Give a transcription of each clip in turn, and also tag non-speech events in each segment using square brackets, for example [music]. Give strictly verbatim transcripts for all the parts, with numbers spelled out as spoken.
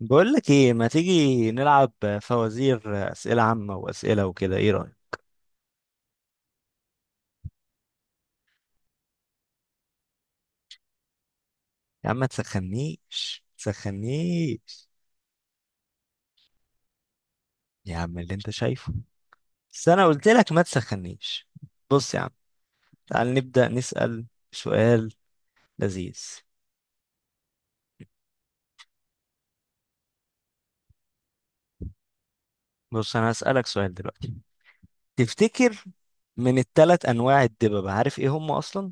بقول لك ايه؟ ما تيجي نلعب فوازير، اسئله عامه واسئله وكده؟ ايه رايك؟ يا عم ما تسخنيش تسخنيش. يا عم اللي انت شايفه، بس انا قلت لك ما تسخنيش. بص يا عم، تعال نبدا نسال سؤال لذيذ. بص انا هسالك سؤال دلوقتي. تفتكر من الثلاث انواع الدببة عارف ايه هم اصلا؟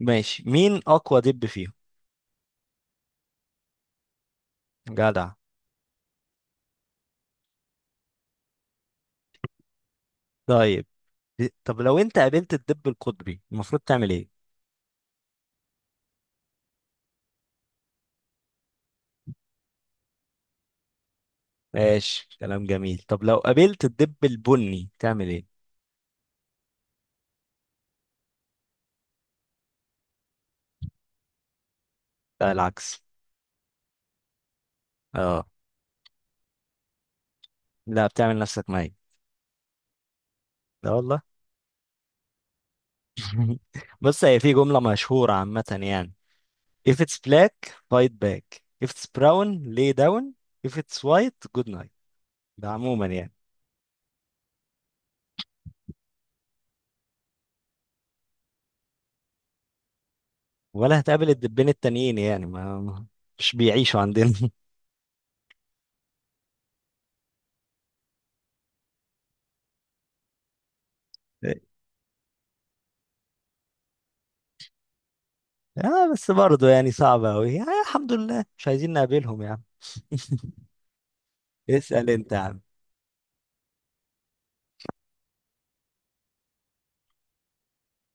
ماشي، مين اقوى دب فيهم؟ جدع. طيب، طب لو انت قابلت الدب القطبي المفروض تعمل ايه؟ ماشي، كلام جميل. طب لو قابلت الدب البني تعمل ايه؟ لا العكس. اه. لا، بتعمل نفسك ميت. لا والله. [laughs] بص، هي في جملة مشهورة عامة يعني if it's black fight back, if it's brown lay down, if it's white good night. ده عموما يعني. ولا هتقابل الدبين التانيين يعني ما ما- مش بيعيشوا عندنا. [laughs] اه بس برضه يعني صعبة أوي يعني، الحمد لله مش عايزين نقابلهم يعني. اسأل انت يا عم.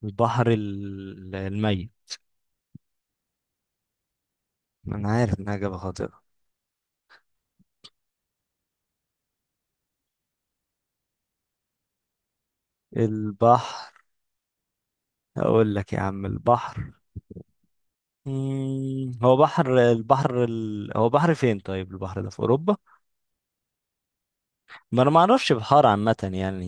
البحر ال- الميت. انا عارف انها اجابة خاطئة. البحر. اقول لك يا عم البحر. مم، هو بحر، البحر ال... هو بحر فين؟ طيب البحر ده في اوروبا. ما انا ما اعرفش بحار عامه يعني.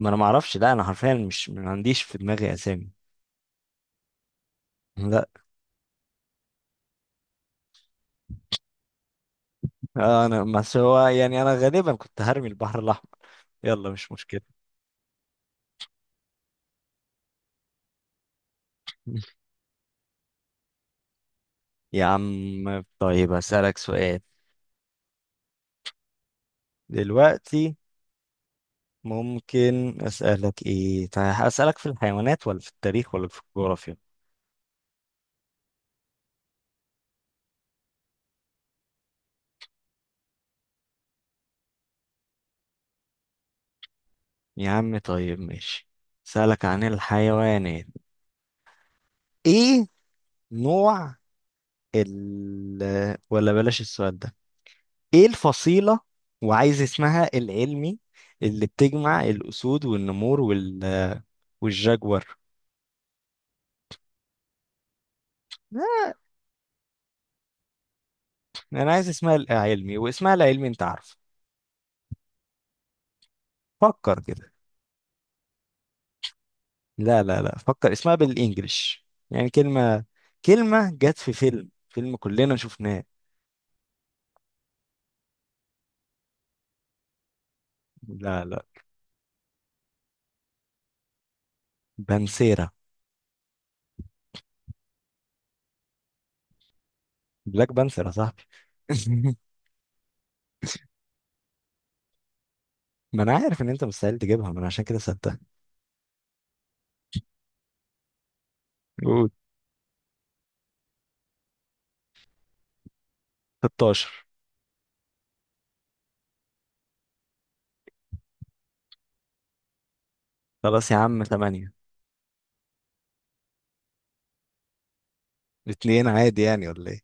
ما انا ما اعرفش، لا انا حرفيا مش ما عنديش في دماغي اسامي. لا. انا بس هو يعني انا غالبا كنت هرمي البحر الاحمر. يلا مش مشكله. [laughs] يا عم طيب هسألك سؤال دلوقتي. ممكن أسألك إيه؟ طيب أسألك في الحيوانات ولا في التاريخ ولا في الجغرافيا؟ يا عم طيب ماشي. سألك عن الحيوانات. ايه نوع ال ولا بلاش السؤال ده. ايه الفصيلة، وعايز اسمها العلمي، اللي بتجمع الأسود والنمور وال والجاجور؟ آه، انا عايز اسمها العلمي، واسمها العلمي انت عارفه. فكر كده. لا لا لا، فكر اسمها بالانجلش. يعني كلمة كلمة جت في فيلم فيلم كلنا شفناه. لا لا. بانسيرا. بلاك بانسيرا صاحبي. [laughs] ما انا عارف ان انت مستحيل تجيبها، ما انا عشان كده سبتها. قول. ستاشر. خلاص يا عم، تمانية. اتنين عادي يعني، ولا ايه؟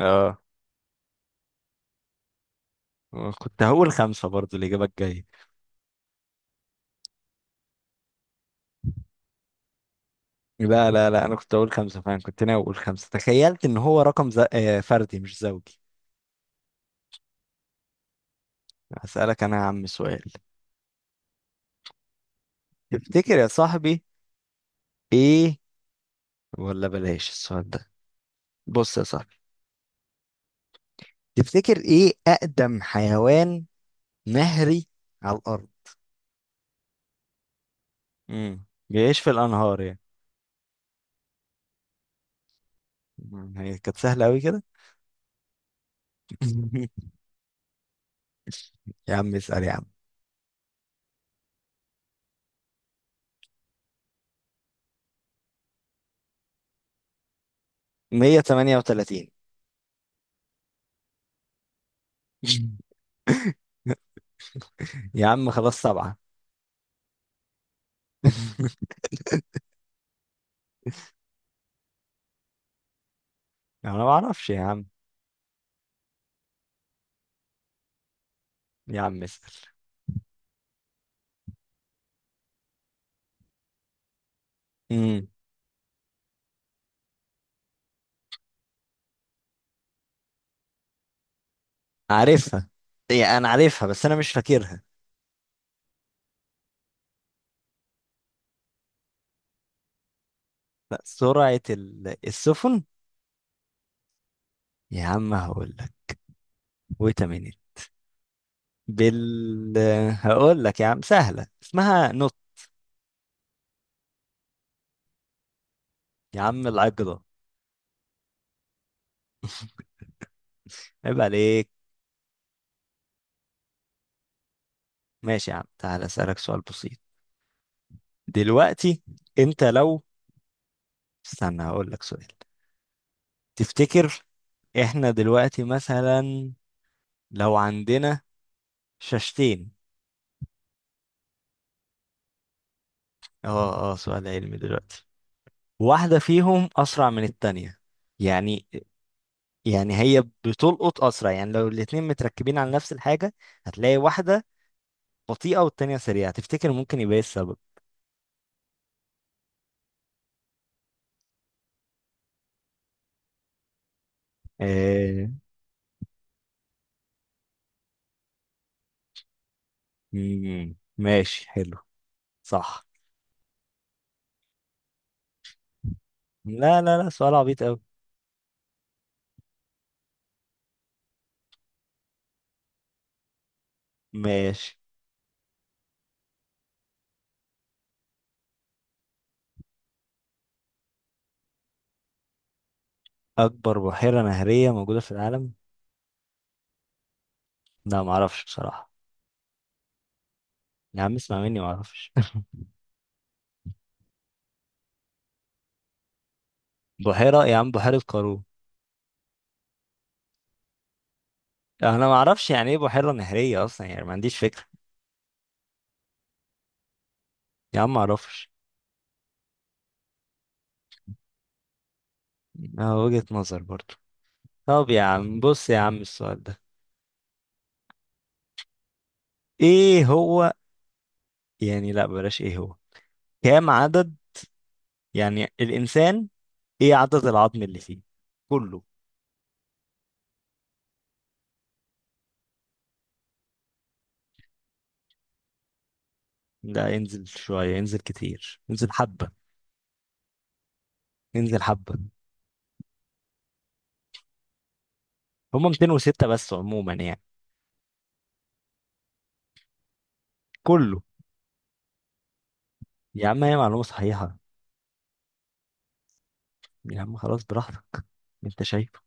اه، كنت هقول خمسة برضو الإجابة الجاية. لا لا لا، أنا كنت هقول خمسة فعلا، كنت ناوي أقول خمسة، تخيلت إن هو رقم ز... آه، فردي مش زوجي. هسألك أنا يا عم سؤال. تفتكر يا صاحبي إيه، ولا بلاش السؤال ده. بص يا صاحبي، تفتكر إيه أقدم حيوان نهري على الأرض؟ امم. بيعيش في الأنهار يعني. مم، هي كانت سهلة أوي كده. [laughs] يا عم اسأل يا عم. مية وتمانية وتلاتين. [laughs] يا عم خلاص، سبعة. [laughs] انا ما اعرفش يا عم. يا عم اسأل. امم. عارفها، يعني انا عارفها بس انا مش فاكرها. لا، سرعة ال- السفن. يا عم هقول لك، ويت مينيت. بال هقول لك يا عم سهلة، اسمها نط. يا عم العقدة. عيب عليك. ماشي يا عم، تعال اسألك سؤال بسيط دلوقتي. انت لو، استنى هقول لك سؤال، تفتكر احنا دلوقتي مثلا لو عندنا شاشتين. اه اه، سؤال علمي دلوقتي. واحدة فيهم أسرع من التانية يعني، يعني هي بتلقط أسرع يعني، لو الاتنين متركبين على نفس الحاجة هتلاقي واحدة بطيئة والتانية سريعة. تفتكر ممكن يبقى ايه السبب؟ آه... مم، ماشي حلو. صح. لا لا لا، سؤال عبيط أوي. ماشي. أكبر بحيرة نهرية موجودة في العالم؟ لا معرفش بصراحة. يا عم اسمع مني معرفش. بحيرة، يا عم بحيرة قارون. انا ما اعرفش يعني ايه بحيرة نهرية اصلا، يعني ما عنديش فكرة. يا عم ما اعرفش. اه، وجهة نظر برضو. طب يا عم بص يا عم السؤال ده. ايه هو يعني، لا بلاش. ايه هو كام عدد يعني الانسان، ايه عدد العظم اللي فيه كله؟ لا، انزل شوية، انزل كتير، انزل حبة. انزل حبة. هما ميتين وستة بس عموما يعني. كله. يا عم هي معلومة صحيحة. يا عم خلاص براحتك، انت شايفه.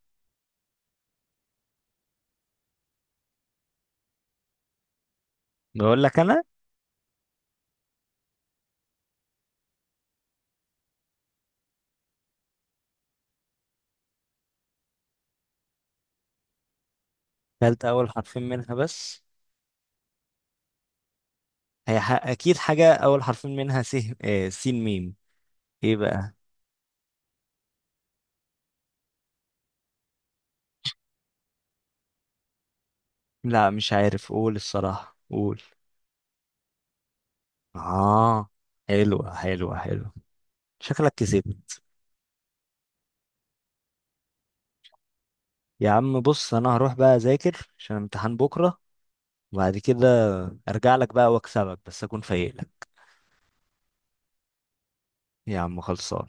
بقول لك انا، قلت اول حرفين منها بس. هي ح... اكيد حاجة اول حرفين منها س. آه، سين ميم. ايه بقى؟ لا مش عارف، قول الصراحة، قول. اه، حلوة حلوة حلوة. شكلك كسبت. يا عم بص انا هروح بقى اذاكر عشان امتحان بكرة، وبعد كده ارجع لك بقى واكسبك بس اكون فايق لك. يا عم خلصان.